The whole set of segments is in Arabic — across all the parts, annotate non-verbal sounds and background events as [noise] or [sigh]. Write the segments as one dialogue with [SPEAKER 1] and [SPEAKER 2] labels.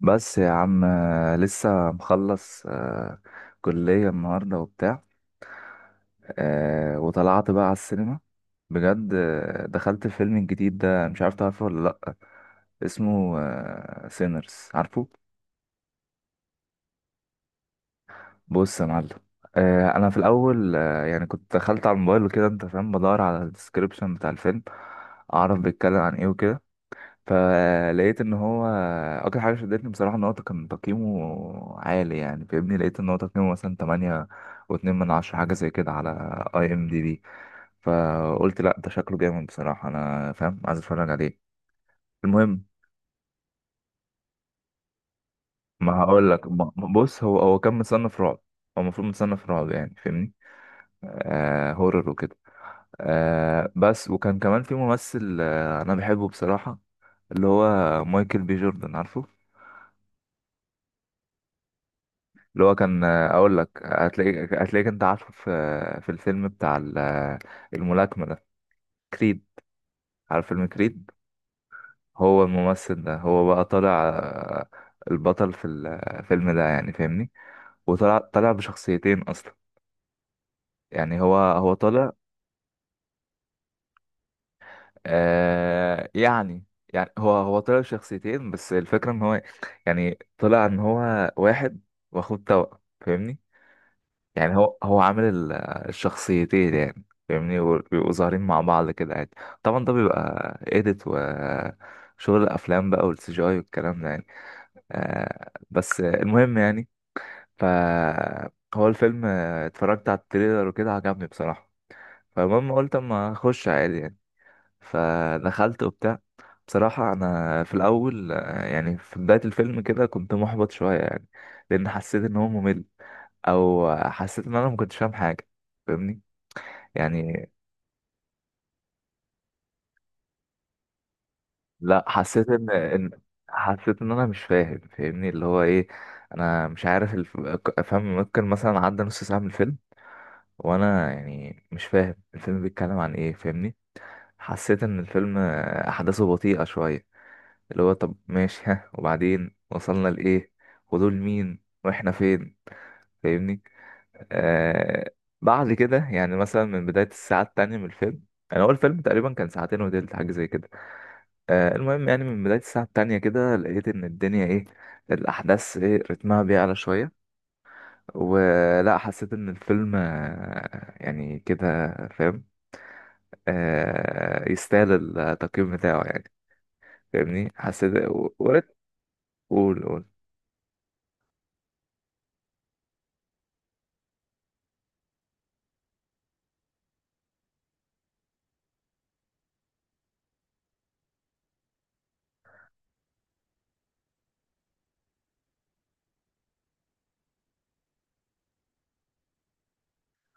[SPEAKER 1] بس يا عم لسه مخلص كلية النهاردة وبتاع وطلعت بقى على السينما بجد. دخلت الفيلم الجديد ده، مش عارف تعرفه ولا لأ. اسمه سينرز، عارفه؟ بص يا معلم. أنا في الأول يعني كنت دخلت على الموبايل وكده، أنت فاهم، بدور على الديسكريبشن بتاع الفيلم أعرف بيتكلم عن إيه وكده. فلقيت ان هو اكتر حاجه شدتني بصراحه ان هو كان تقييمه عالي، يعني فاهمني. لقيت ان هو تقييمه مثلا 8 و2 من 10، حاجه زي كده، على اي ام دي بي. فقلت لا، ده شكله جامد بصراحه، انا فاهم، عايز اتفرج عليه. المهم، ما هقول لك ما- ما- بص، هو كان متصنف رعب. هو المفروض متصنف رعب، يعني فاهمني. هورر وكده. بس وكان كمان في ممثل، انا بحبه بصراحه، اللي هو مايكل بي جوردن، عارفه؟ اللي هو كان اقول لك، هتلاقيك انت عارفه، في الفيلم بتاع الملاكمه ده، كريد. عارف فيلم كريد؟ هو الممثل ده هو بقى طالع البطل في الفيلم ده، يعني فاهمني. وطلع طالع بشخصيتين اصلا، يعني هو طالع. يعني، يعني هو طالع بشخصيتين، بس الفكره ان هو يعني طلع ان هو واحد واخد توأم، فاهمني. يعني هو عامل الشخصيتين يعني، فاهمني. بيبقوا ظاهرين مع بعض كده عادي. طبعا ده بيبقى اديت وشغل الافلام بقى، والسي جي اي والكلام ده يعني. بس المهم يعني. ف هو الفيلم اتفرجت على التريلر وكده، عجبني بصراحة. فالمهم قلت اما اخش عادي يعني. فدخلت وبتاع. بصراحة أنا في الأول يعني في بداية الفيلم كده كنت محبط شوية يعني، لأن حسيت إن هو ممل، أو حسيت إن أنا ما كنتش فاهم حاجة، فاهمني يعني. لا، حسيت إن أنا مش فاهم، فاهمني، اللي هو إيه. أنا مش عارف أفهم. ممكن مثلا عدى نص ساعة من الفيلم وأنا يعني مش فاهم الفيلم بيتكلم عن إيه، فاهمني. حسيت إن الفيلم أحداثه بطيئة شوية، اللي هو طب ماشي، ها، وبعدين وصلنا لإيه، ودول مين، واحنا فين، فاهمني. آه بعد كده يعني، مثلا من بداية الساعة التانية من الفيلم، يعني هو الفيلم تقريبا كان ساعتين وتلت، حاجة زي كده. المهم يعني، من بداية الساعة التانية كده لقيت إن الدنيا إيه، الأحداث إيه، رتمها بيعلى شوية، ولا حسيت إن الفيلم يعني كده فاهم، يستاهل التقييم بتاعه يعني، فاهمني. حسيت وريت. قول، قول.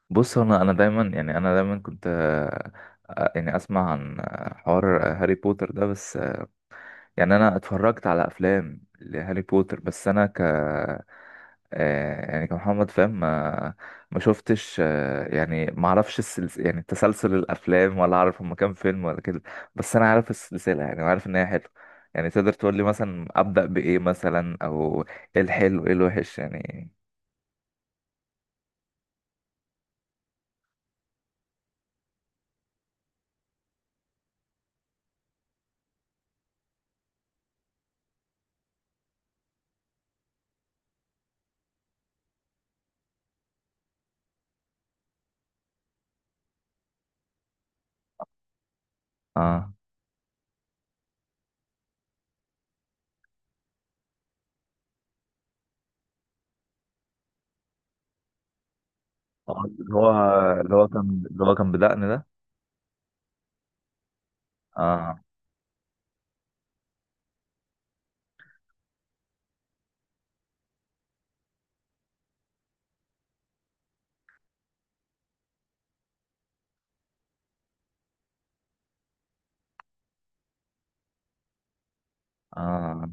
[SPEAKER 1] بص، انا دايما، يعني انا دايما كنت يعني اسمع عن حوار هاري بوتر ده، بس يعني انا اتفرجت على افلام لهاري بوتر، بس انا ك يعني كمحمد فاهم. ما شفتش يعني ما اعرفش يعني تسلسل الافلام، ولا اعرف هما كام فيلم ولا كده. بس انا عارف السلسله يعني، وعارف ان هي حلوه. يعني تقدر تقول لي مثلا ابدا بايه مثلا، او ايه الحلو ايه الوحش يعني. اه. آه، اللي هو اللي هو كان بدقن ده. اه اه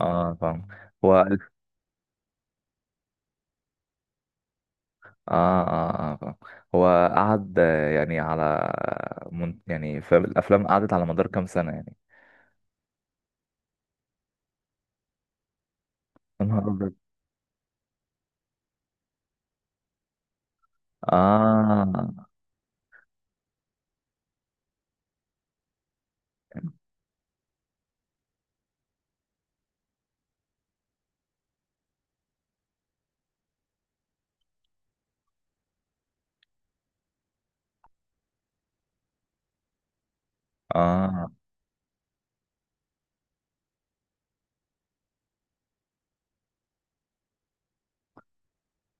[SPEAKER 1] اه، فاهم. هو الف اه اه اه، فاهم. هو قعد يعني، على يعني فالافلام، قعدت على مدار كام سنه يعني؟ يا نهار أبيض. اه، اه،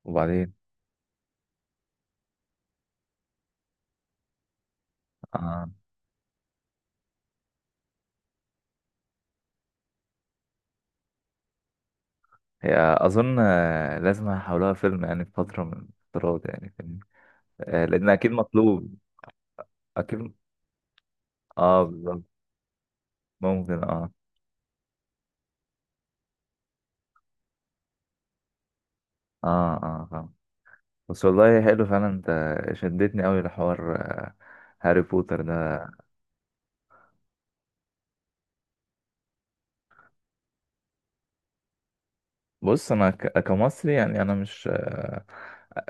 [SPEAKER 1] وبعدين. اه. هي اظن لازم هيحولوها فيلم يعني، في فتره من الفترات يعني فيلم. لان اكيد مطلوب. اكيد، اه بالظبط. ممكن، اه. اه اه فاهم. بس والله حلو فعلا. انت شدتني قوي لحوار هاري بوتر ده. بص، انا كمصري يعني، انا مش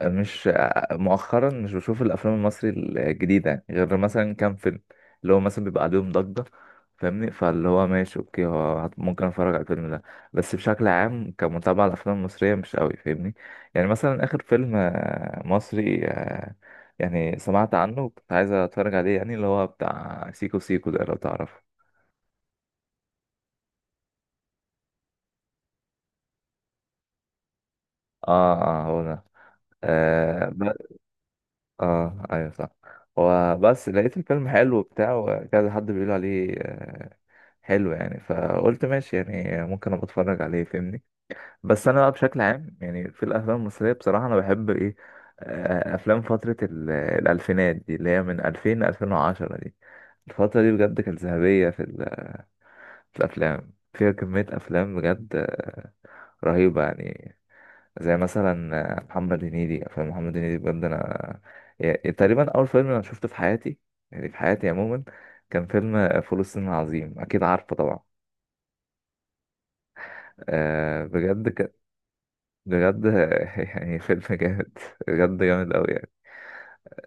[SPEAKER 1] مش مؤخرا، مش بشوف الافلام المصري الجديده يعني، غير مثلا كام فيلم اللي هو مثلا بيبقى عليهم ضجه، فاهمني. فاللي هو ماشي، اوكي، هو ممكن اتفرج على الفيلم ده. بس بشكل عام كمتابعه، الافلام المصريه مش قوي، فاهمني. يعني مثلا اخر فيلم مصري يعني سمعت عنه وكنت عايز اتفرج عليه، يعني اللي هو بتاع سيكو سيكو ده، لو تعرفه. اه اه، هو ده. آه. اه ايوه، صح. وبس لقيت الفيلم حلو وبتاع، وكذا حد بيقول عليه حلو يعني. فقلت ماشي يعني، ممكن ابقى اتفرج عليه، فاهمني. بس انا بقى بشكل عام يعني في الافلام المصريه، بصراحه انا بحب ايه، افلام فتره الالفينات دي، اللي هي من 2000 ل 2010 دي. الفتره دي بجد كانت ذهبيه في في الافلام. فيها كميه افلام بجد رهيبه يعني. زي مثلا محمد هنيدي، افلام محمد هنيدي بجد. انا، تقريبا اول فيلم انا شفته في حياتي، يعني في حياتي عموما، كان فيلم فول الصين العظيم، اكيد عارفه طبعا. أه بجد بجد [laughs] يعني فيلم جامد، بجد جامد قوي يعني.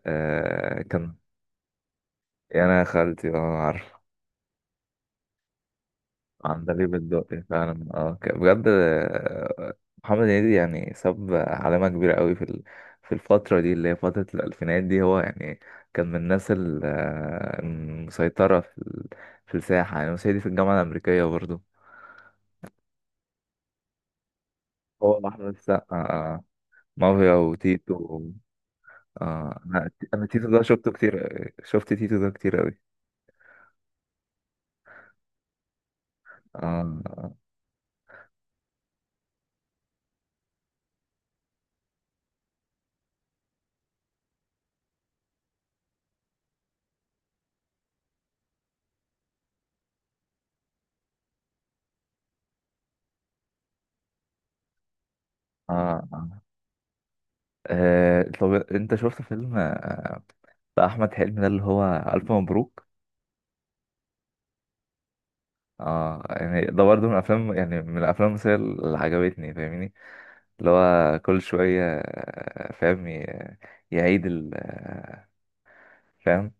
[SPEAKER 1] أه كان. يا انا يا خالتي، اه عارف. عندليب الدقي فعلا، اه، بجد محمد هنيدي يعني ساب علامة كبيرة قوي في في الفترة دي، اللي هي فترة الألفينات دي هو يعني. كان من الناس المسيطرة في في الساحة، يعني مسيطرة في الجامعة الأمريكية برضو. هو أحمد السقا مافيا وتيتو أنا تيتو ده شفته كتير، شفت تيتو ده كتير قوي. آه آه آه، طب أنت شفت فيلم بتاع أحمد حلمي ده، اللي هو ألف مبروك؟ اه، يعني ده برضه من الافلام، يعني من الافلام المصريه اللي عجبتني، فاهمني. اللي هو كل شويه فاهم، يعيد ال فاهم.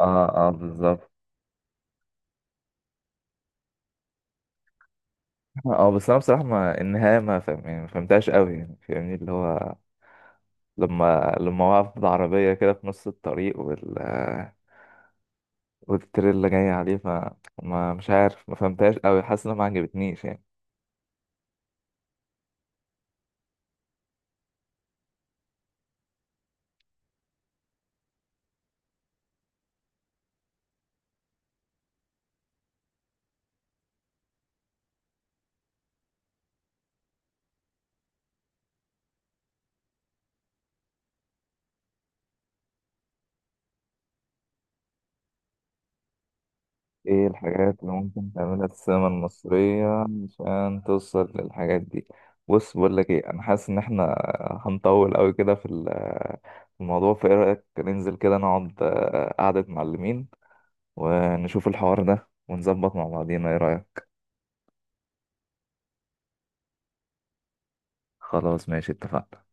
[SPEAKER 1] اه اه بالظبط. اه، بس انا بصراحه، ما النهايه ما فاهم يعني، ما فهمتهاش قوي يعني، فاهمني اللي هو لما وقف بالعربيه كده في نص الطريق، وال والتريلا جايه عليه، فما مش عارف، ما فهمتهاش قوي، حاسس انها ما عجبتنيش يعني. ايه الحاجات اللي ممكن تعملها في السينما المصرية عشان توصل للحاجات دي؟ بص، بقول لك ايه، انا حاسس ان احنا هنطول قوي كده في في الموضوع. فايه رأيك ننزل كده، نقعد قعدة معلمين، ونشوف الحوار ده، ونظبط مع بعضينا، ايه رأيك؟ خلاص، ماشي، اتفقنا.